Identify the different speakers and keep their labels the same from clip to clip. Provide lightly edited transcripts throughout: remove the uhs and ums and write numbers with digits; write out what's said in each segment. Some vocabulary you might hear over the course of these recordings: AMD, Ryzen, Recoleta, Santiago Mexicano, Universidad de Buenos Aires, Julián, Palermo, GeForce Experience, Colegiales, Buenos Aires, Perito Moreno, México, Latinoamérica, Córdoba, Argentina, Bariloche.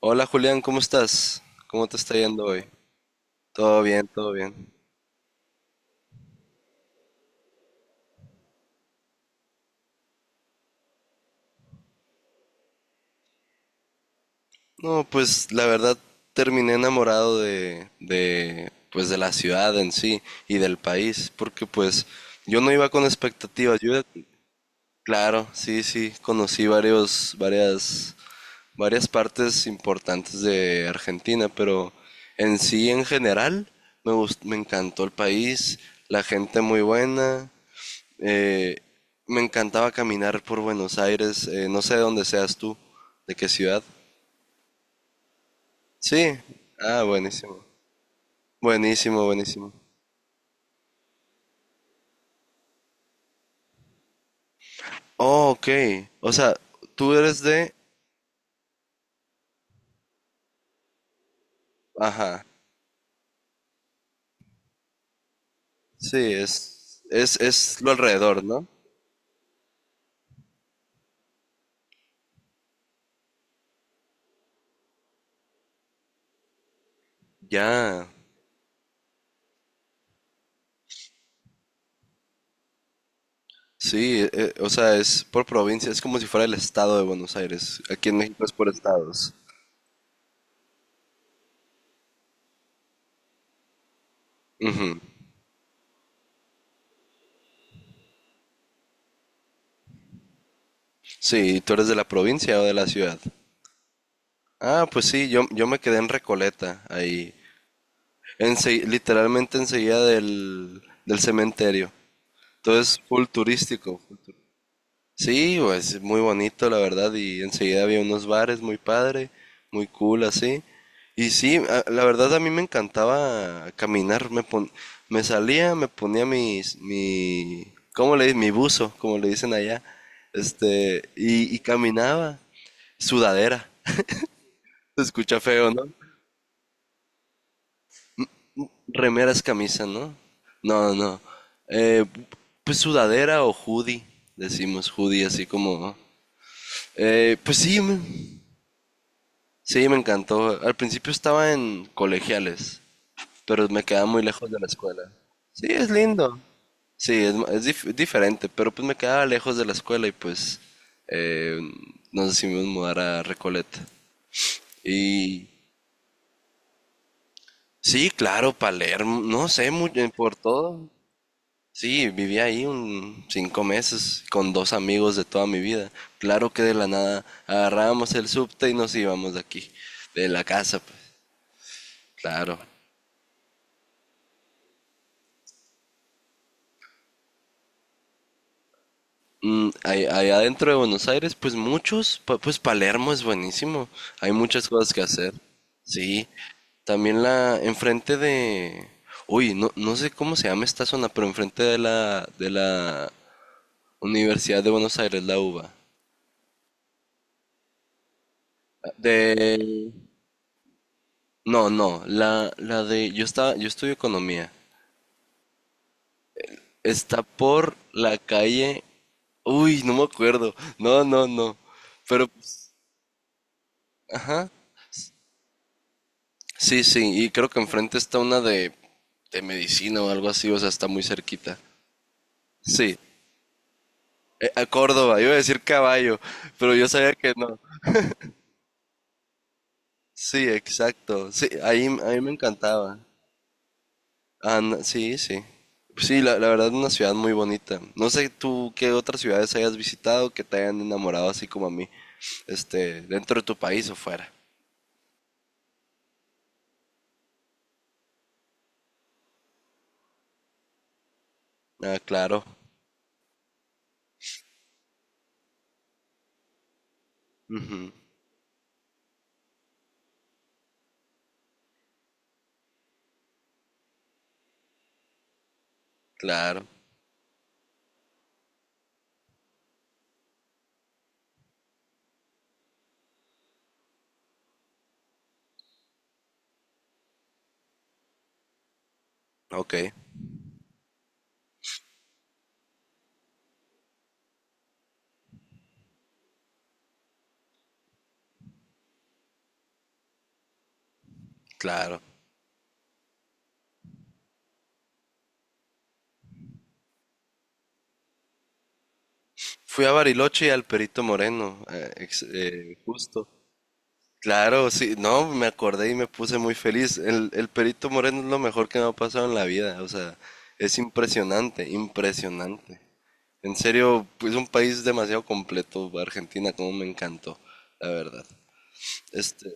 Speaker 1: Hola Julián, ¿cómo estás? ¿Cómo te está yendo hoy? Todo bien, todo bien. No, pues la verdad terminé enamorado de pues de la ciudad en sí y del país, porque pues yo no iba con expectativas. Claro, sí, sí, conocí varias partes importantes de Argentina, pero en sí, en general, me encantó el país, la gente muy buena. Eh, Me encantaba caminar por Buenos Aires, no sé de dónde seas tú, de qué ciudad. Sí, ah, buenísimo. Buenísimo, buenísimo. Oh, ok. O sea, tú eres de... Ajá. Sí, es lo alrededor, ¿no? Ya. Sí, o sea, es por provincia, es como si fuera el estado de Buenos Aires. Aquí en México es por estados. Ujú. Sí, ¿tú eres de la provincia o de la ciudad? Ah, pues sí, yo me quedé en Recoleta, ahí. Ense Literalmente enseguida del cementerio. Entonces, full turístico. Sí, pues muy bonito, la verdad. Y enseguida había unos bares muy padre, muy cool así. Y sí, la verdad a mí me encantaba caminar. Me salía, me ponía mi, ¿cómo le dicen? Mi buzo, como le dicen allá. Y caminaba. Sudadera. Se escucha feo, ¿no? Remeras, camisa, ¿no? No, no. Eh, pues sudadera o hoodie, decimos hoodie, así como... ¿no? Pues sí, sí, me encantó. Al principio estaba en colegiales, pero me quedaba muy lejos de la escuela. Sí, es lindo. Sí, es diferente, pero pues me quedaba lejos de la escuela y pues eh, nos decidimos mudar a Recoleta. Y sí, claro, Palermo, no sé, por todo. Sí, viví ahí un 5 meses con dos amigos de toda mi vida. Claro que de la nada agarrábamos el subte y nos íbamos de aquí, de la casa, pues, claro. Allá adentro de Buenos Aires, pues muchos, pues Palermo es buenísimo. Hay muchas cosas que hacer. Sí, también enfrente de, no, no sé cómo se llama esta zona, pero enfrente de la Universidad de Buenos Aires, la UBA. De, No, no, la de, yo estaba, yo estudio economía. Está por la calle, uy, no me acuerdo. No, no, no. Pero, pues, ajá. Sí, sí, y creo que enfrente está una de medicina o algo así, o sea, está muy cerquita. Sí, a Córdoba, iba a decir caballo, pero yo sabía que no. Sí, exacto. Sí, ahí, a mí me encantaba. Sí, sí. Sí, la verdad es una ciudad muy bonita. No sé tú qué otras ciudades hayas visitado que te hayan enamorado así como a mí, dentro de tu país o fuera. Ah, claro. Ujú, claro. Ok, claro. Fui a Bariloche y al Perito Moreno, justo. Claro, sí, no, me acordé y me puse muy feliz. El Perito Moreno es lo mejor que me ha pasado en la vida, o sea, es impresionante, impresionante. En serio, es un país demasiado completo, Argentina, como me encantó, la verdad. Este,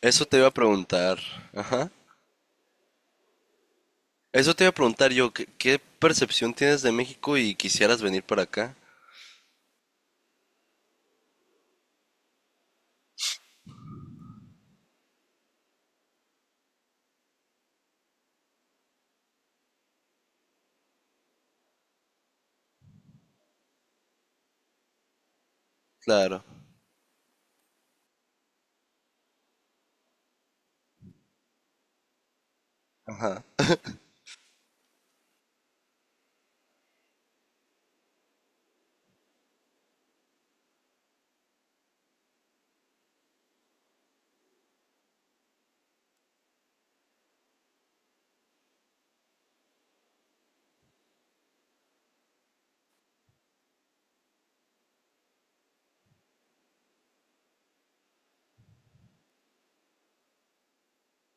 Speaker 1: eso te iba a preguntar, ajá. Eso te iba a preguntar yo, ¿qué percepción tienes de México y quisieras venir para acá? Claro, ajá,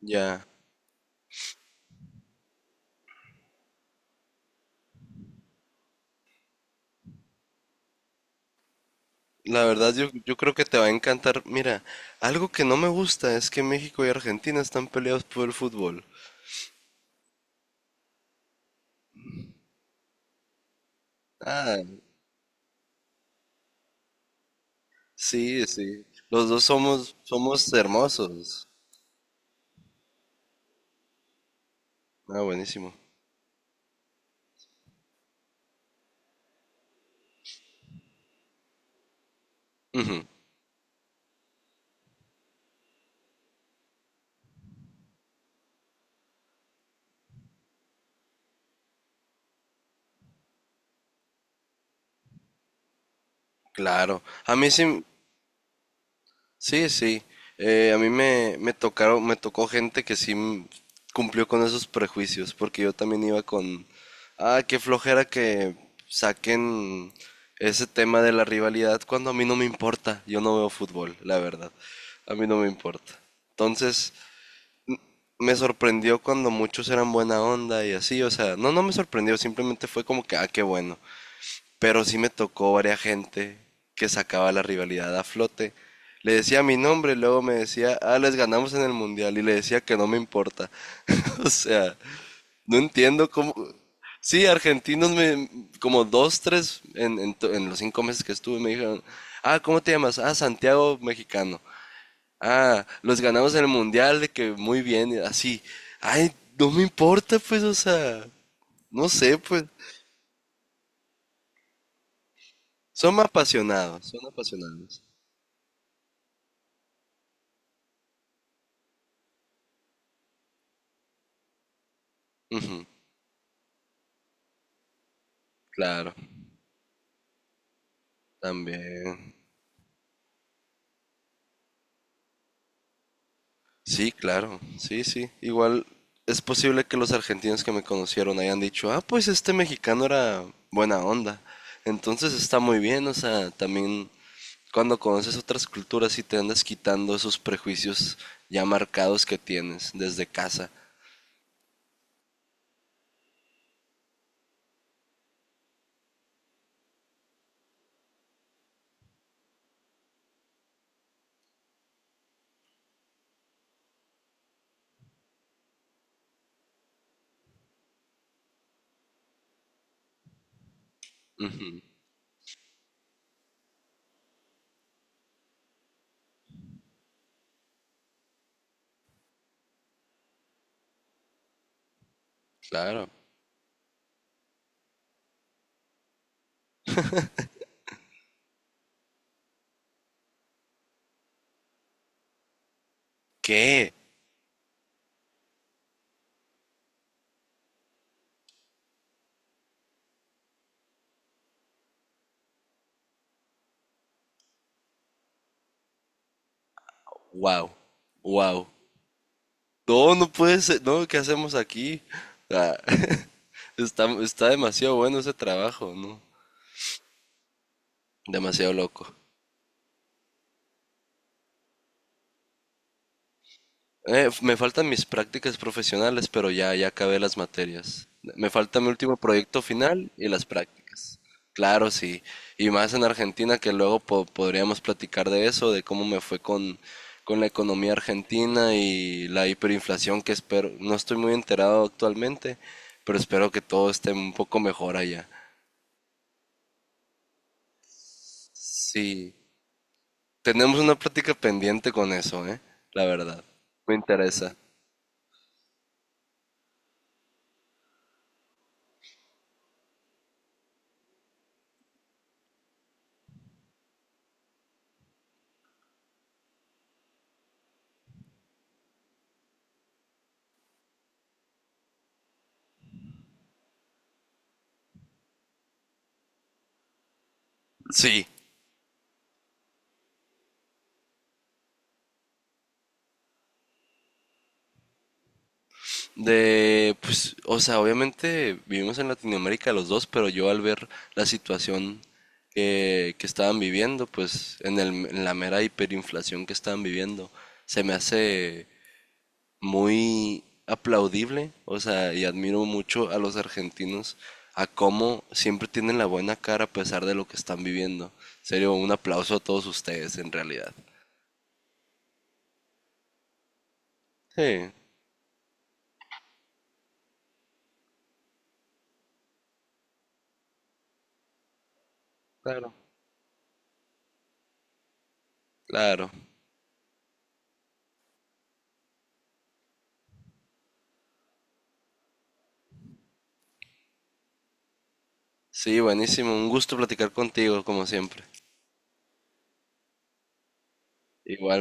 Speaker 1: ya. La verdad, yo creo que te va a encantar. Mira, algo que no me gusta es que México y Argentina están peleados por el fútbol. Ah, sí, sí. Los dos somos hermosos. Ah, buenísimo. Ujú, claro. A mí sí, sí, sí. A mí me tocó gente que sí cumplió con esos prejuicios, porque yo también iba con, ah, qué flojera que saquen ese tema de la rivalidad cuando a mí no me importa. Yo no veo fútbol, la verdad. A mí no me importa. Entonces, me sorprendió cuando muchos eran buena onda y así, o sea, no, no me sorprendió, simplemente fue como que, ah, qué bueno. Pero sí me tocó varias gente que sacaba la rivalidad a flote. Le decía mi nombre, luego me decía, ah, les ganamos en el mundial, y le decía que no me importa. O sea, no entiendo cómo. Sí, como dos, tres, en los 5 meses que estuve, me dijeron, ah, ¿cómo te llamas? Ah, Santiago Mexicano. Ah, los ganamos en el mundial, de que muy bien, y así. Ay, no me importa, pues, o sea, no sé, pues. Son apasionados, son apasionados. Ujú. Claro, también. Sí, claro, sí, sí. Igual es posible que los argentinos que me conocieron hayan dicho, ah, pues este mexicano era buena onda. Entonces está muy bien, o sea, también cuando conoces otras culturas y te andas quitando esos prejuicios ya marcados que tienes desde casa. Ujú, claro. ¿Qué? Wow, wow. No, no puede ser, no, ¿qué hacemos aquí? Ah, está demasiado bueno ese trabajo, ¿no? Demasiado loco. Me faltan mis prácticas profesionales, pero ya, ya acabé las materias. Me falta mi último proyecto final y las prácticas. Claro, sí. Y más en Argentina, que luego podríamos platicar de eso, de cómo me fue con la economía argentina y la hiperinflación que espero. No estoy muy enterado actualmente, pero espero que todo esté un poco mejor allá. Sí, tenemos una plática pendiente con eso, ¿eh? La verdad. Me interesa. Sí. Pues, o sea, obviamente vivimos en Latinoamérica los dos, pero yo al ver la situación que estaban viviendo, pues, en la mera hiperinflación que estaban viviendo, se me hace muy aplaudible, o sea, y admiro mucho a los argentinos, a cómo siempre tienen la buena cara a pesar de lo que están viviendo. En serio, un aplauso a todos ustedes, en realidad. Sí, claro. Claro. Sí, buenísimo, un gusto platicar contigo, como siempre. Igual.